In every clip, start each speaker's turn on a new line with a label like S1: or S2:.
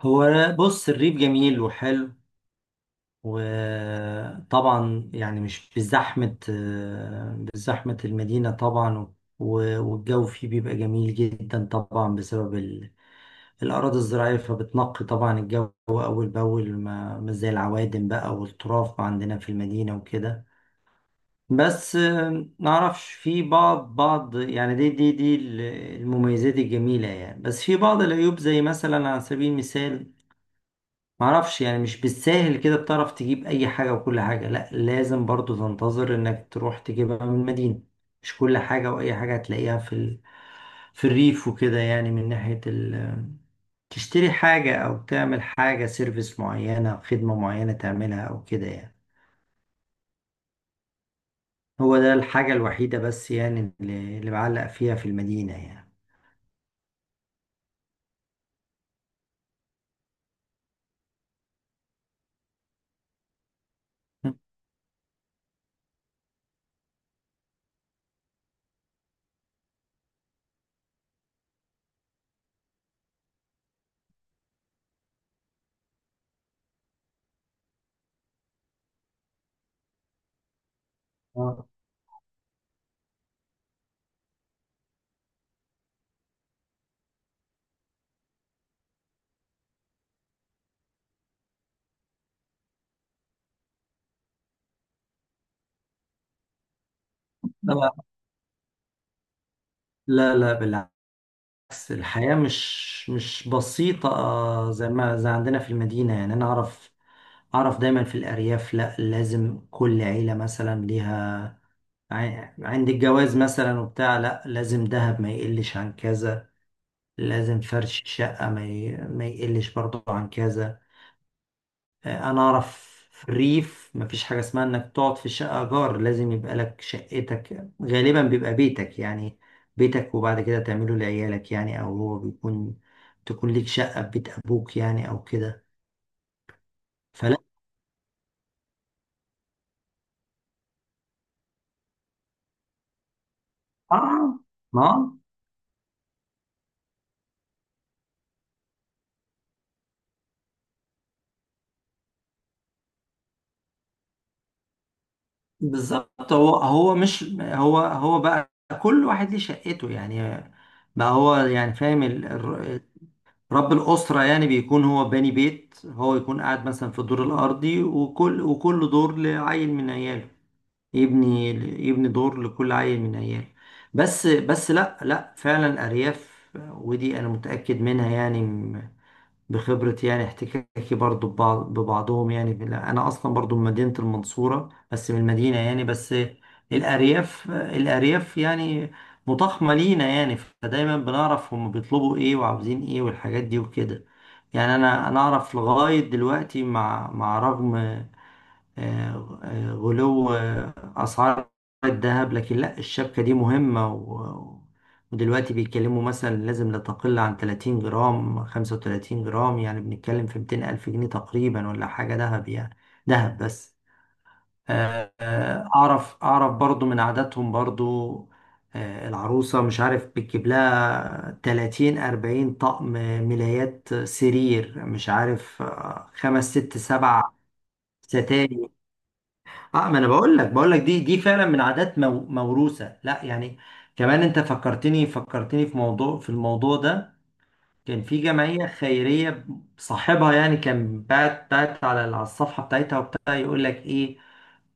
S1: هو بص، الريف جميل وحلو، وطبعا يعني مش بزحمة المدينة طبعا. والجو فيه بيبقى جميل جدا طبعا بسبب الأراضي الزراعية، فبتنقي طبعا الجو أول بأول، ما زي العوادم بقى والتراب عندنا في المدينة وكده. بس نعرفش في بعض يعني دي المميزات الجميلة يعني. بس في بعض العيوب، زي مثلا، على سبيل المثال، معرفش يعني مش بالساهل كده بتعرف تجيب اي حاجة، وكل حاجة، لا لازم برضو تنتظر انك تروح تجيبها من المدينة. مش كل حاجة واي حاجة هتلاقيها في في الريف وكده يعني، من ناحية تشتري حاجة او تعمل حاجة سيرفيس معينة او خدمة معينة تعملها او كده يعني. هو ده الحاجة الوحيدة بس يعني اللي بعلق فيها في المدينة يعني. آه. لا، لا، لا، بالعكس. بس الحياة مش بسيطة، زي ما زي عندنا في المدينة يعني. أنا أعرف دايما في الأرياف، لأ لازم كل عيلة مثلا ليها، عند الجواز مثلا وبتاع، لأ لازم دهب ما يقلش عن كذا، لازم فرش شقة ما يقلش برضه عن كذا. انا اعرف في الريف مفيش حاجه اسمها انك تقعد في شقه جار، لازم يبقى لك شقتك، غالبا بيبقى بيتك يعني، بيتك، وبعد كده تعمله لعيالك يعني، او هو بيكون تكون ليك شقه في بيت ابوك يعني او كده. فلا. اه. ما بالظبط، هو مش، هو بقى كل واحد ليه شقته يعني. بقى هو يعني، فاهم، رب الأسرة يعني بيكون هو باني بيت، هو يكون قاعد مثلا في الدور الأرضي، وكل دور لعيل من عياله، يبني يبني دور لكل عيل من عياله. بس لا، لا، فعلا أرياف، ودي أنا متأكد منها يعني، بخبرة يعني، احتكاكي برضو ببعضهم يعني. أنا أصلا برضو من مدينة المنصورة، بس من المدينة يعني. بس الأرياف يعني متخمة لينا يعني، فدايما بنعرف هم بيطلبوا إيه وعاوزين إيه والحاجات دي وكده يعني. أنا أعرف لغاية دلوقتي، مع رغم، غلو، أسعار الذهب، لكن لا، الشبكة دي مهمة ودلوقتي بيتكلموا مثلا لازم لا تقل عن 30 جرام، 35 جرام يعني، بنتكلم في 200 ألف جنيه تقريبا ولا حاجة ذهب يعني، ذهب بس. أعرف برضو من عاداتهم برضو، العروسة مش عارف بتجيب لها 30 40 طقم، ملايات سرير مش عارف، خمس ست سبع ستاير. اه، ما انا بقول لك دي فعلا من عادات موروثه، لا يعني. كمان انت فكرتني في الموضوع ده، كان في جمعيه خيريه، صاحبها يعني كان بعت على الصفحه بتاعتها وبتاع، يقول لك ايه،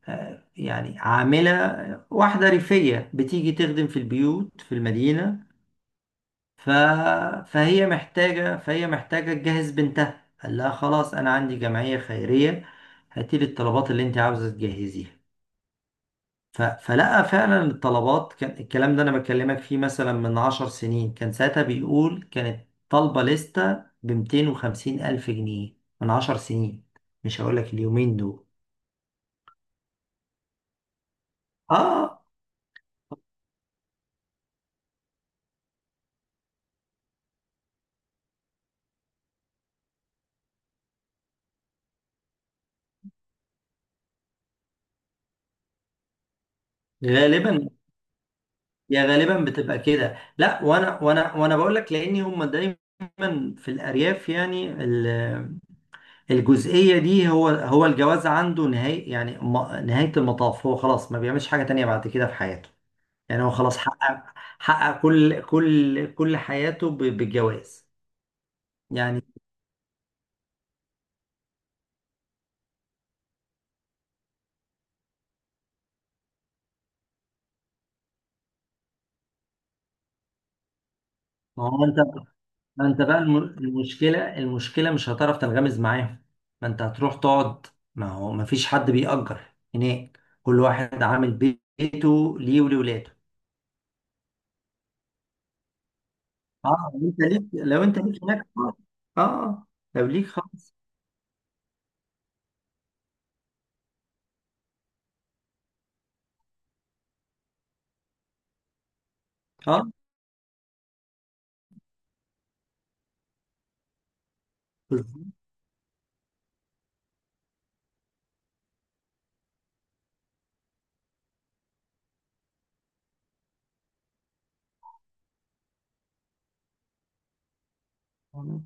S1: يعني عامله واحده ريفيه بتيجي تخدم في البيوت في المدينه، ف فهي محتاجه تجهز بنتها، قال لها خلاص انا عندي جمعيه خيريه، هاتي لي الطلبات اللي انت عاوزه تجهزيها. فلقى فعلا الطلبات، كان الكلام ده انا بكلمك فيه مثلا من 10 سنين، كان ساعتها بيقول كانت طالبة لستة ب 250 ألف جنيه، من 10 سنين، مش هقول لك اليومين دول. اه، غالبا، يا غالبا بتبقى كده، لا، وانا بقول لك، لان هم دايما في الارياف يعني، الجزئيه دي، هو الجواز عنده نهايه يعني، نهايه المطاف، هو خلاص ما بيعملش حاجه تانية بعد كده في حياته يعني. هو خلاص حقق كل حياته بالجواز يعني. ما هو انت ما انت بقى المشكله مش هتعرف تنغمز معاهم، ما انت هتروح تقعد، ما هو ما فيش حد بيأجر هناك، كل واحد عامل بيته ليه ولولاده. اه، لو انت ليك هناك، اه. اه، لو ليك خلاص. اه، بالظبط. اه،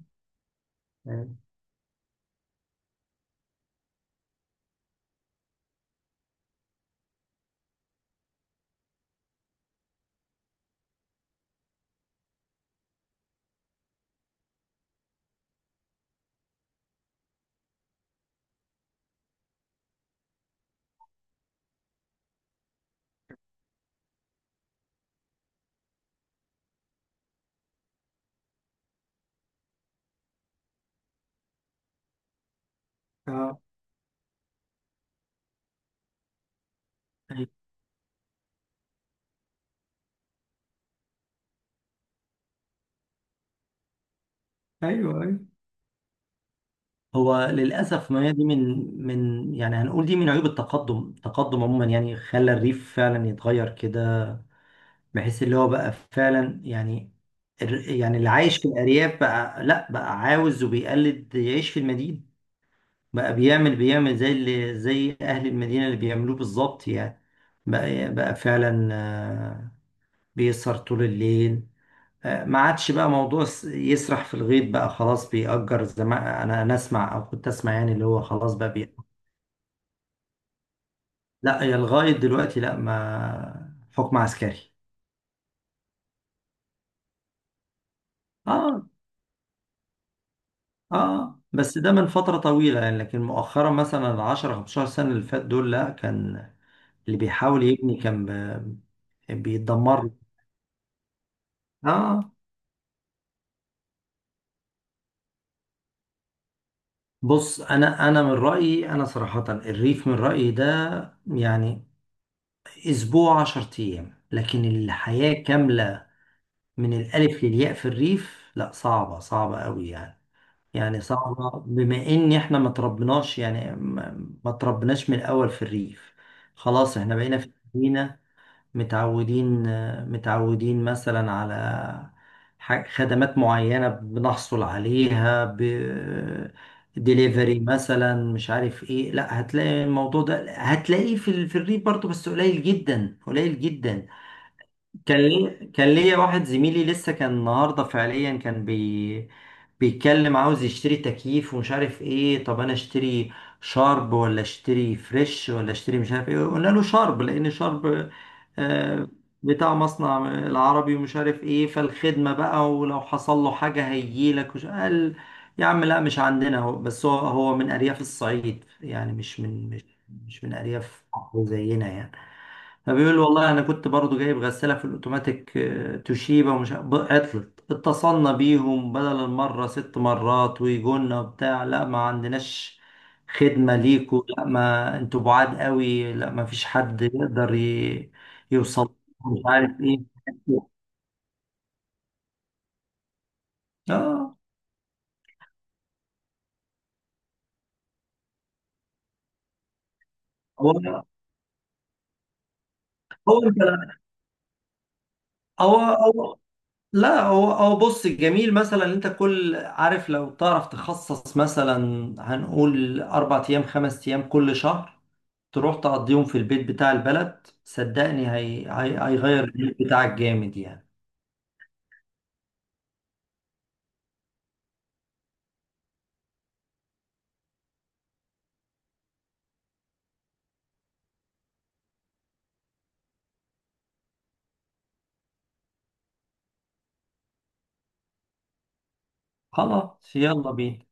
S1: اه. ايوه، ايوه. هو للأسف، ما هي دي من يعني هنقول، دي من عيوب التقدم عموما يعني، خلى الريف فعلا يتغير كده، بحيث اللي هو بقى فعلا يعني، يعني اللي عايش في الأرياف، بقى لا بقى عاوز وبيقلد يعيش في المدينة، بقى بيعمل زي أهل المدينة اللي بيعملوه بالظبط يعني. بقى فعلا، بيسهر طول الليل، ما عادش بقى موضوع يسرح في الغيط، بقى خلاص بيأجر زي ما انا اسمع او كنت اسمع يعني، اللي هو خلاص بقى. لا، هي لغاية دلوقتي لا، ما حكم عسكري. اه، اه، بس ده من فترة طويلة يعني، لكن مؤخرا، مثلا العشرة 15 سنة اللي فات دول، لا كان اللي بيحاول يبني كان بيتدمر له. اه، بص، انا من رأيي، انا صراحة الريف من رأيي ده يعني اسبوع 10 ايام، لكن الحياة كاملة من الالف للياء في الريف، لا صعبة، صعبة قوي يعني. يعني صعبة بما ان احنا ما تربناش يعني، ما تربناش من الاول في الريف، خلاص احنا بقينا في المدينة، متعودين متعودين مثلا على خدمات معينة بنحصل عليها ب ديليفري مثلا، مش عارف ايه، لا هتلاقي الموضوع ده هتلاقيه في الريف برضه، بس قليل جدا، قليل جدا. كان ليا واحد زميلي لسه كان النهارده فعليا، كان بيتكلم، عاوز يشتري تكييف ومش عارف ايه، طب انا اشتري شارب ولا اشتري فريش ولا اشتري، مش عارف ايه، قلنا له شارب، لان شارب آه، بتاع مصنع العربي ومش عارف ايه، فالخدمة بقى ولو حصل له حاجة هيجيلك. وش قال، يا عم لا مش عندنا. هو بس هو من ارياف الصعيد يعني، مش من مش مش من ارياف زينا يعني. فبيقول له والله انا كنت برضو جايب غساله في الاوتوماتيك، توشيبا، ومش عطلت، اتصلنا بيهم بدل المره 6 مرات ويجونا وبتاع، لا ما عندناش خدمه ليكوا، لا ما انتوا بعاد قوي، لا ما فيش حد يقدر يوصل، مش عارف ايه. اه. هو هو انت هو هو لا، هو بص، جميل مثلا إن انت كل عارف، لو تعرف تخصص مثلا هنقول 4 ايام، 5 ايام كل شهر، تروح تقضيهم في البيت بتاع البلد، صدقني هيغير البيت بتاعك جامد يعني. خلاص، يلا بينا.